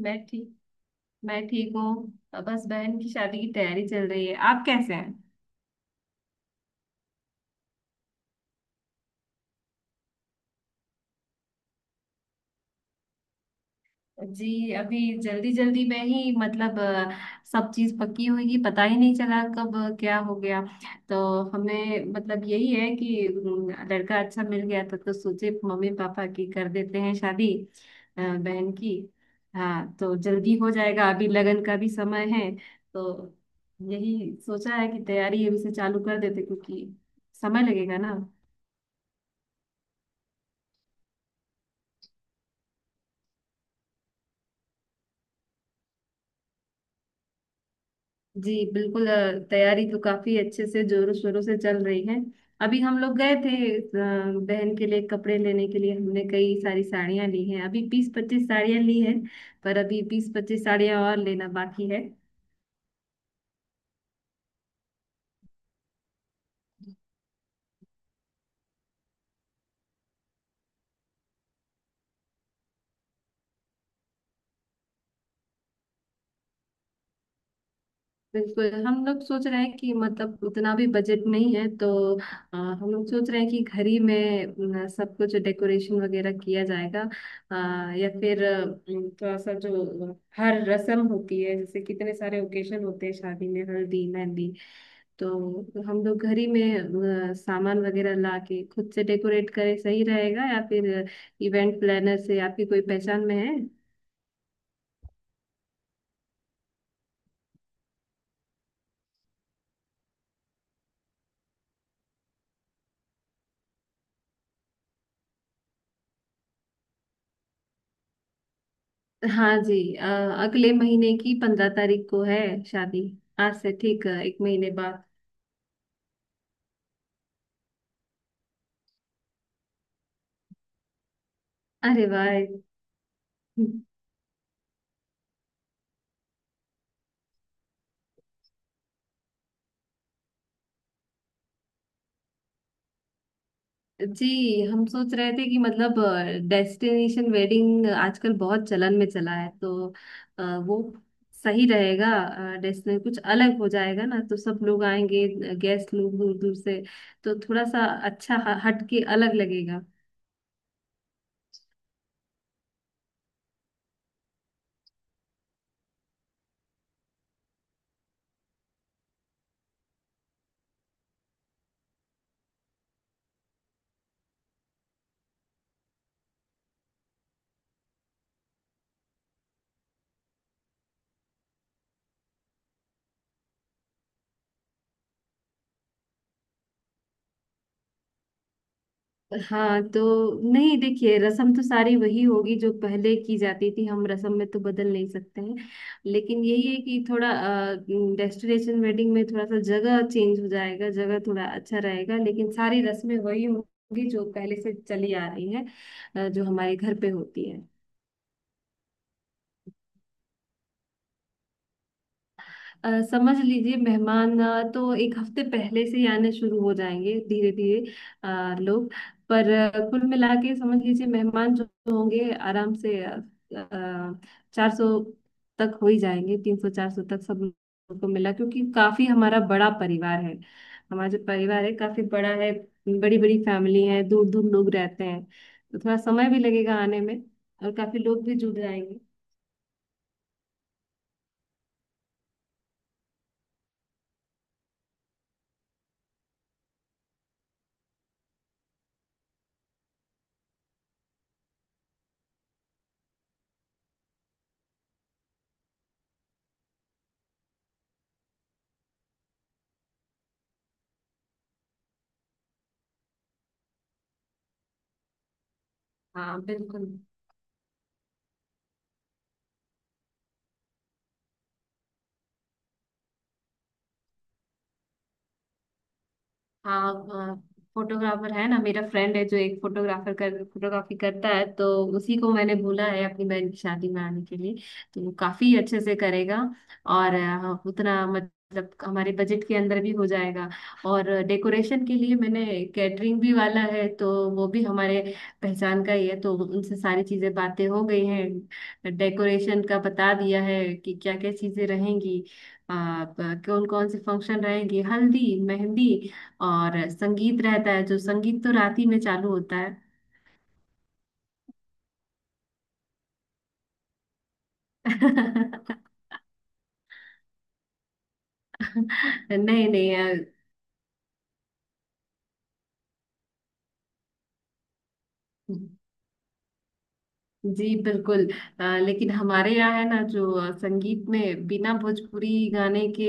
मैं ठीक मैं ठीक हूँ। अब बस बहन की शादी की तैयारी चल रही है। आप कैसे हैं? जी, अभी जल्दी जल्दी में ही मतलब सब चीज पक्की हुई, पता ही नहीं चला कब क्या हो गया। तो हमें मतलब यही है कि लड़का अच्छा मिल गया था तो सोचे मम्मी पापा की कर देते हैं शादी, बहन की। हाँ तो जल्दी हो जाएगा, अभी लगन का भी समय है। तो यही सोचा है कि तैयारी अभी से चालू कर देते क्योंकि समय लगेगा ना। जी बिल्कुल, तैयारी तो काफी अच्छे से जोरों शोरों से चल रही है। अभी हम लोग गए थे बहन के लिए कपड़े लेने के लिए। हमने कई सारी साड़ियां ली हैं, अभी 20-25 साड़ियां ली हैं। पर अभी 20-25 साड़ियां और लेना बाकी है। बिल्कुल, हम लोग सोच रहे हैं कि मतलब उतना भी बजट नहीं है तो हम लोग सोच रहे हैं कि घर ही में सब कुछ डेकोरेशन वगैरह किया जाएगा। अ, या फिर अ, थोड़ा सा जो हर रस्म होती है, जैसे कितने सारे ओकेशन होते हैं शादी में, हल्दी मेहंदी। तो हम लोग घर ही में सामान वगैरह ला के खुद से डेकोरेट करें सही रहेगा, या फिर इवेंट प्लानर से आपकी कोई पहचान में है? हाँ जी, अगले महीने की 15 तारीख को है शादी। आज से ठीक है, एक महीने बाद। अरे वाह! जी, हम सोच रहे थे कि मतलब डेस्टिनेशन वेडिंग आजकल बहुत चलन में चला है तो वो सही रहेगा। डेस्टिनेशन कुछ अलग हो जाएगा ना तो सब लोग आएंगे, गेस्ट लोग दूर दूर से। तो थोड़ा सा अच्छा हट के अलग लगेगा। हाँ तो नहीं, देखिए रसम तो सारी वही होगी जो पहले की जाती थी, हम रसम में तो बदल नहीं सकते हैं। लेकिन यही है कि थोड़ा डेस्टिनेशन वेडिंग में थोड़ा सा जगह चेंज हो जाएगा, जगह थोड़ा अच्छा रहेगा, लेकिन सारी रस्में वही होंगी जो पहले से चली आ रही हैं, जो हमारे घर पे होती है। समझ लीजिए मेहमान, तो एक हफ्ते पहले से ही आने शुरू हो जाएंगे धीरे धीरे लोग। पर कुल मिला के समझ लीजिए मेहमान जो होंगे आराम से 400 तक हो ही जाएंगे, 300-400 तक सब लोगों को मिला, क्योंकि काफी हमारा बड़ा परिवार है। हमारा जो परिवार है काफी बड़ा है, बड़ी बड़ी फैमिली है, दूर दूर लोग रहते हैं। तो थोड़ा समय भी लगेगा आने में और काफी लोग भी जुड़ जाएंगे। हाँ बिल्कुल। हाँ, फोटोग्राफर है ना, मेरा फ्रेंड है जो एक फोटोग्राफर कर फोटोग्राफी करता है तो उसी को मैंने बोला है अपनी बहन की शादी में आने के लिए। तो वो काफी अच्छे से करेगा और उतना मतलब हमारे बजट के अंदर भी हो जाएगा। और डेकोरेशन के लिए मैंने कैटरिंग भी वाला है तो वो भी हमारे पहचान का ही है, तो उनसे सारी चीजें बातें हो गई हैं। डेकोरेशन का बता दिया है कि क्या क्या चीजें रहेंगी, कौन कौन से फंक्शन रहेंगे, हल्दी मेहंदी और संगीत रहता है, जो संगीत तो रात ही में चालू होता है। नहीं नहीं, जी बिल्कुल लेकिन हमारे यहाँ है ना जो संगीत में बिना भोजपुरी गाने के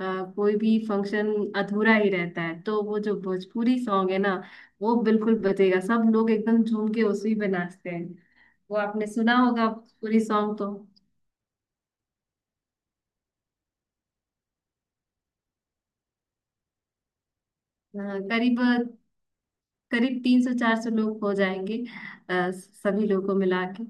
कोई भी फंक्शन अधूरा ही रहता है। तो वो जो भोजपुरी सॉन्ग है ना वो बिल्कुल बजेगा, सब लोग एकदम झूम के उसी पे नाचते हैं। वो आपने सुना होगा भोजपुरी सॉन्ग तो। अ, करीब करीब 300-400 लोग हो जाएंगे, सभी लोगों को मिला के।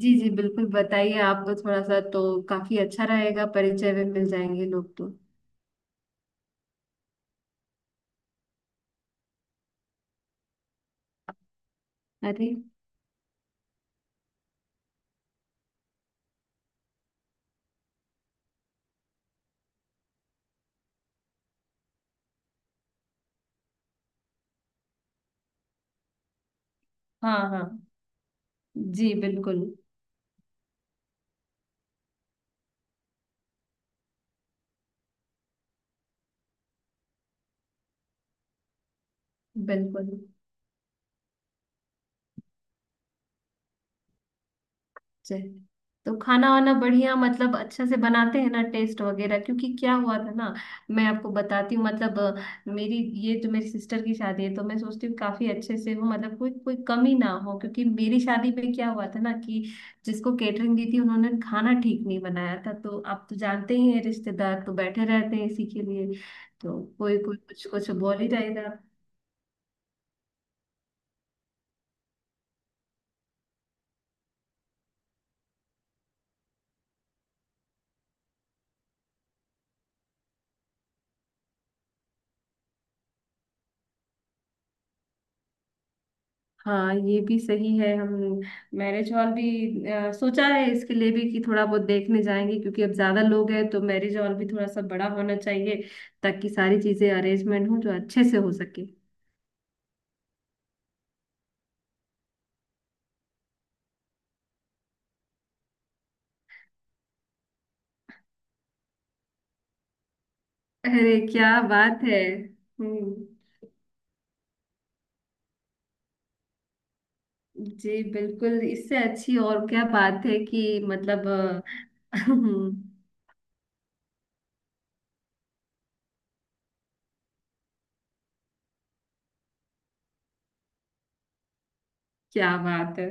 जी जी बिल्कुल, बताइए, आपको थोड़ा सा तो काफी अच्छा रहेगा, परिचय में मिल जाएंगे लोग तो। अरे, हाँ हाँ। जी बिल्कुल बिल्कुल। चल, तो खाना वाना बढ़िया मतलब अच्छा से बनाते हैं ना, टेस्ट वगैरह, क्योंकि क्या हुआ था ना। मैं आपको बताती हूँ, मतलब मेरी, ये जो मेरी सिस्टर की शादी है, तो मैं सोचती हूँ काफी अच्छे से हो, मतलब कोई कोई कमी ना हो, क्योंकि मेरी शादी में क्या हुआ था ना कि जिसको केटरिंग दी थी उन्होंने खाना ठीक नहीं बनाया था, तो आप तो जानते ही हैं रिश्तेदार तो बैठे रहते हैं इसी के लिए। तो कोई कोई कुछ कुछ बोल ही रहेगा। हाँ ये भी सही है, हम मैरिज हॉल भी सोचा है इसके लिए भी कि थोड़ा बहुत देखने जाएंगे, क्योंकि अब ज्यादा लोग हैं तो मैरिज हॉल भी थोड़ा सा बड़ा होना चाहिए, ताकि सारी चीजें अरेंजमेंट हो, जो अच्छे से हो सके। अरे क्या बात है! हम्म। जी बिल्कुल, इससे अच्छी और क्या बात है कि मतलब क्या बात है!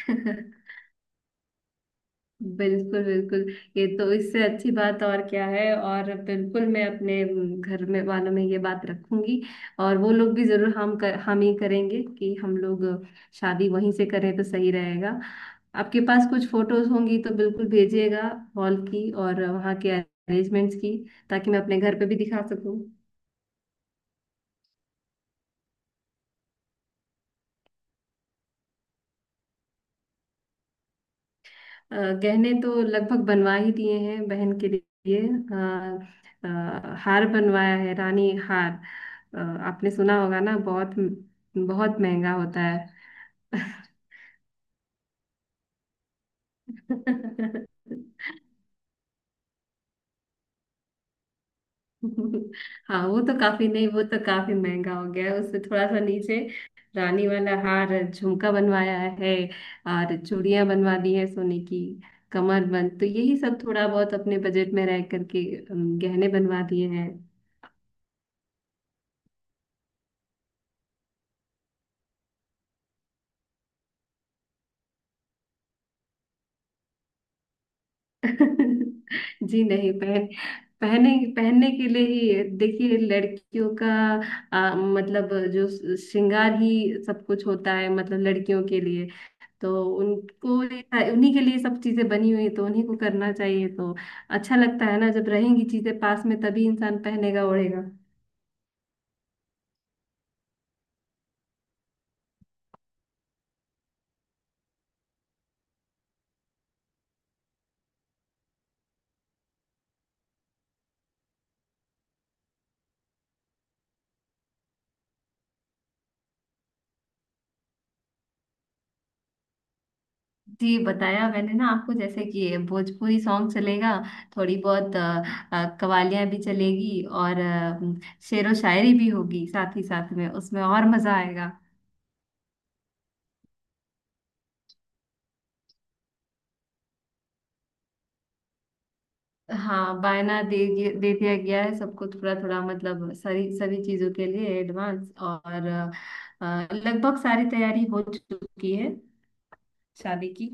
बिल्कुल बिल्कुल। ये तो इससे अच्छी बात और क्या है! और बिल्कुल मैं अपने घर में वालों में ये बात रखूंगी, और वो लोग भी जरूर हम ही करेंगे कि हम लोग शादी वहीं से करें तो सही रहेगा। आपके पास कुछ फोटोज होंगी तो बिल्कुल भेजिएगा, हॉल की और वहाँ के अरेंजमेंट्स की, ताकि मैं अपने घर पे भी दिखा सकूं। अ, गहने तो लगभग बनवा ही दिए हैं बहन के लिए, हार बनवाया है, रानी हार। आपने सुना होगा ना, बहुत बहुत महंगा होता है। हाँ वो तो काफी, नहीं वो तो काफी महंगा हो गया है, उससे थोड़ा सा नीचे रानी वाला हार झुमका बनवाया है, और चूड़ियां बनवा दी है सोने की, कमर बंद, तो यही सब थोड़ा बहुत अपने बजट में रह करके गहने बनवा दिए हैं। जी नहीं, पहने पहनने के लिए ही, देखिए लड़कियों का मतलब जो श्रृंगार ही सब कुछ होता है मतलब लड़कियों के लिए। तो उनको उन्हीं के लिए सब चीजें बनी हुई है तो उन्हीं को करना चाहिए। तो अच्छा लगता है ना, जब रहेंगी चीजें पास में तभी इंसान पहनेगा ओढ़ेगा। जी बताया मैंने ना आपको, जैसे कि ये भोजपुरी सॉन्ग चलेगा, थोड़ी बहुत कवालियां भी चलेगी, और शेरो शायरी भी होगी साथ ही साथ में, उसमें और मजा आएगा। हाँ बायना दे दिया गया है सबको, थोड़ा थोड़ा मतलब सारी सभी चीजों के लिए एडवांस। और लगभग सारी तैयारी हो चुकी है शादी की।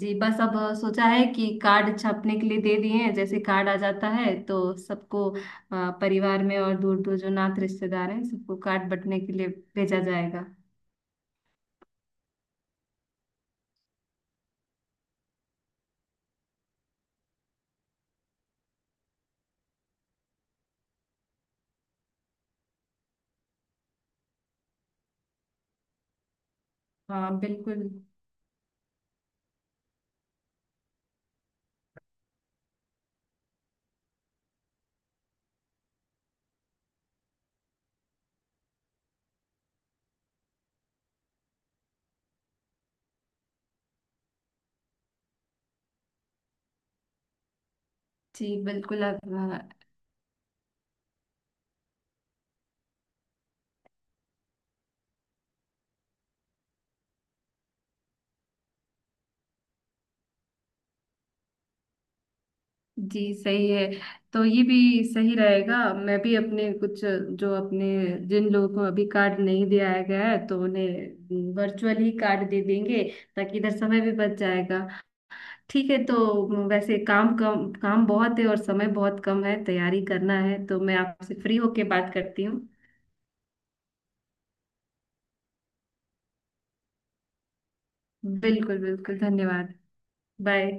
जी बस अब सोचा है कि कार्ड छापने के लिए दे दिए हैं, जैसे कार्ड आ जाता है तो सबको परिवार में और दूर दूर जो नात रिश्तेदार हैं सबको कार्ड बंटने के लिए भेजा जाएगा। हाँ बिल्कुल। जी बिल्कुल, आप। हाँ, जी सही है, तो ये भी सही रहेगा, मैं भी अपने कुछ जो अपने जिन लोगों को अभी कार्ड नहीं दिया गया है तो उन्हें वर्चुअल ही कार्ड दे देंगे, ताकि इधर समय भी बच जाएगा। ठीक है, तो वैसे काम कम, काम बहुत है और समय बहुत कम है, तैयारी करना है तो मैं आपसे फ्री होके बात करती हूँ। बिल्कुल बिल्कुल, धन्यवाद। बाय।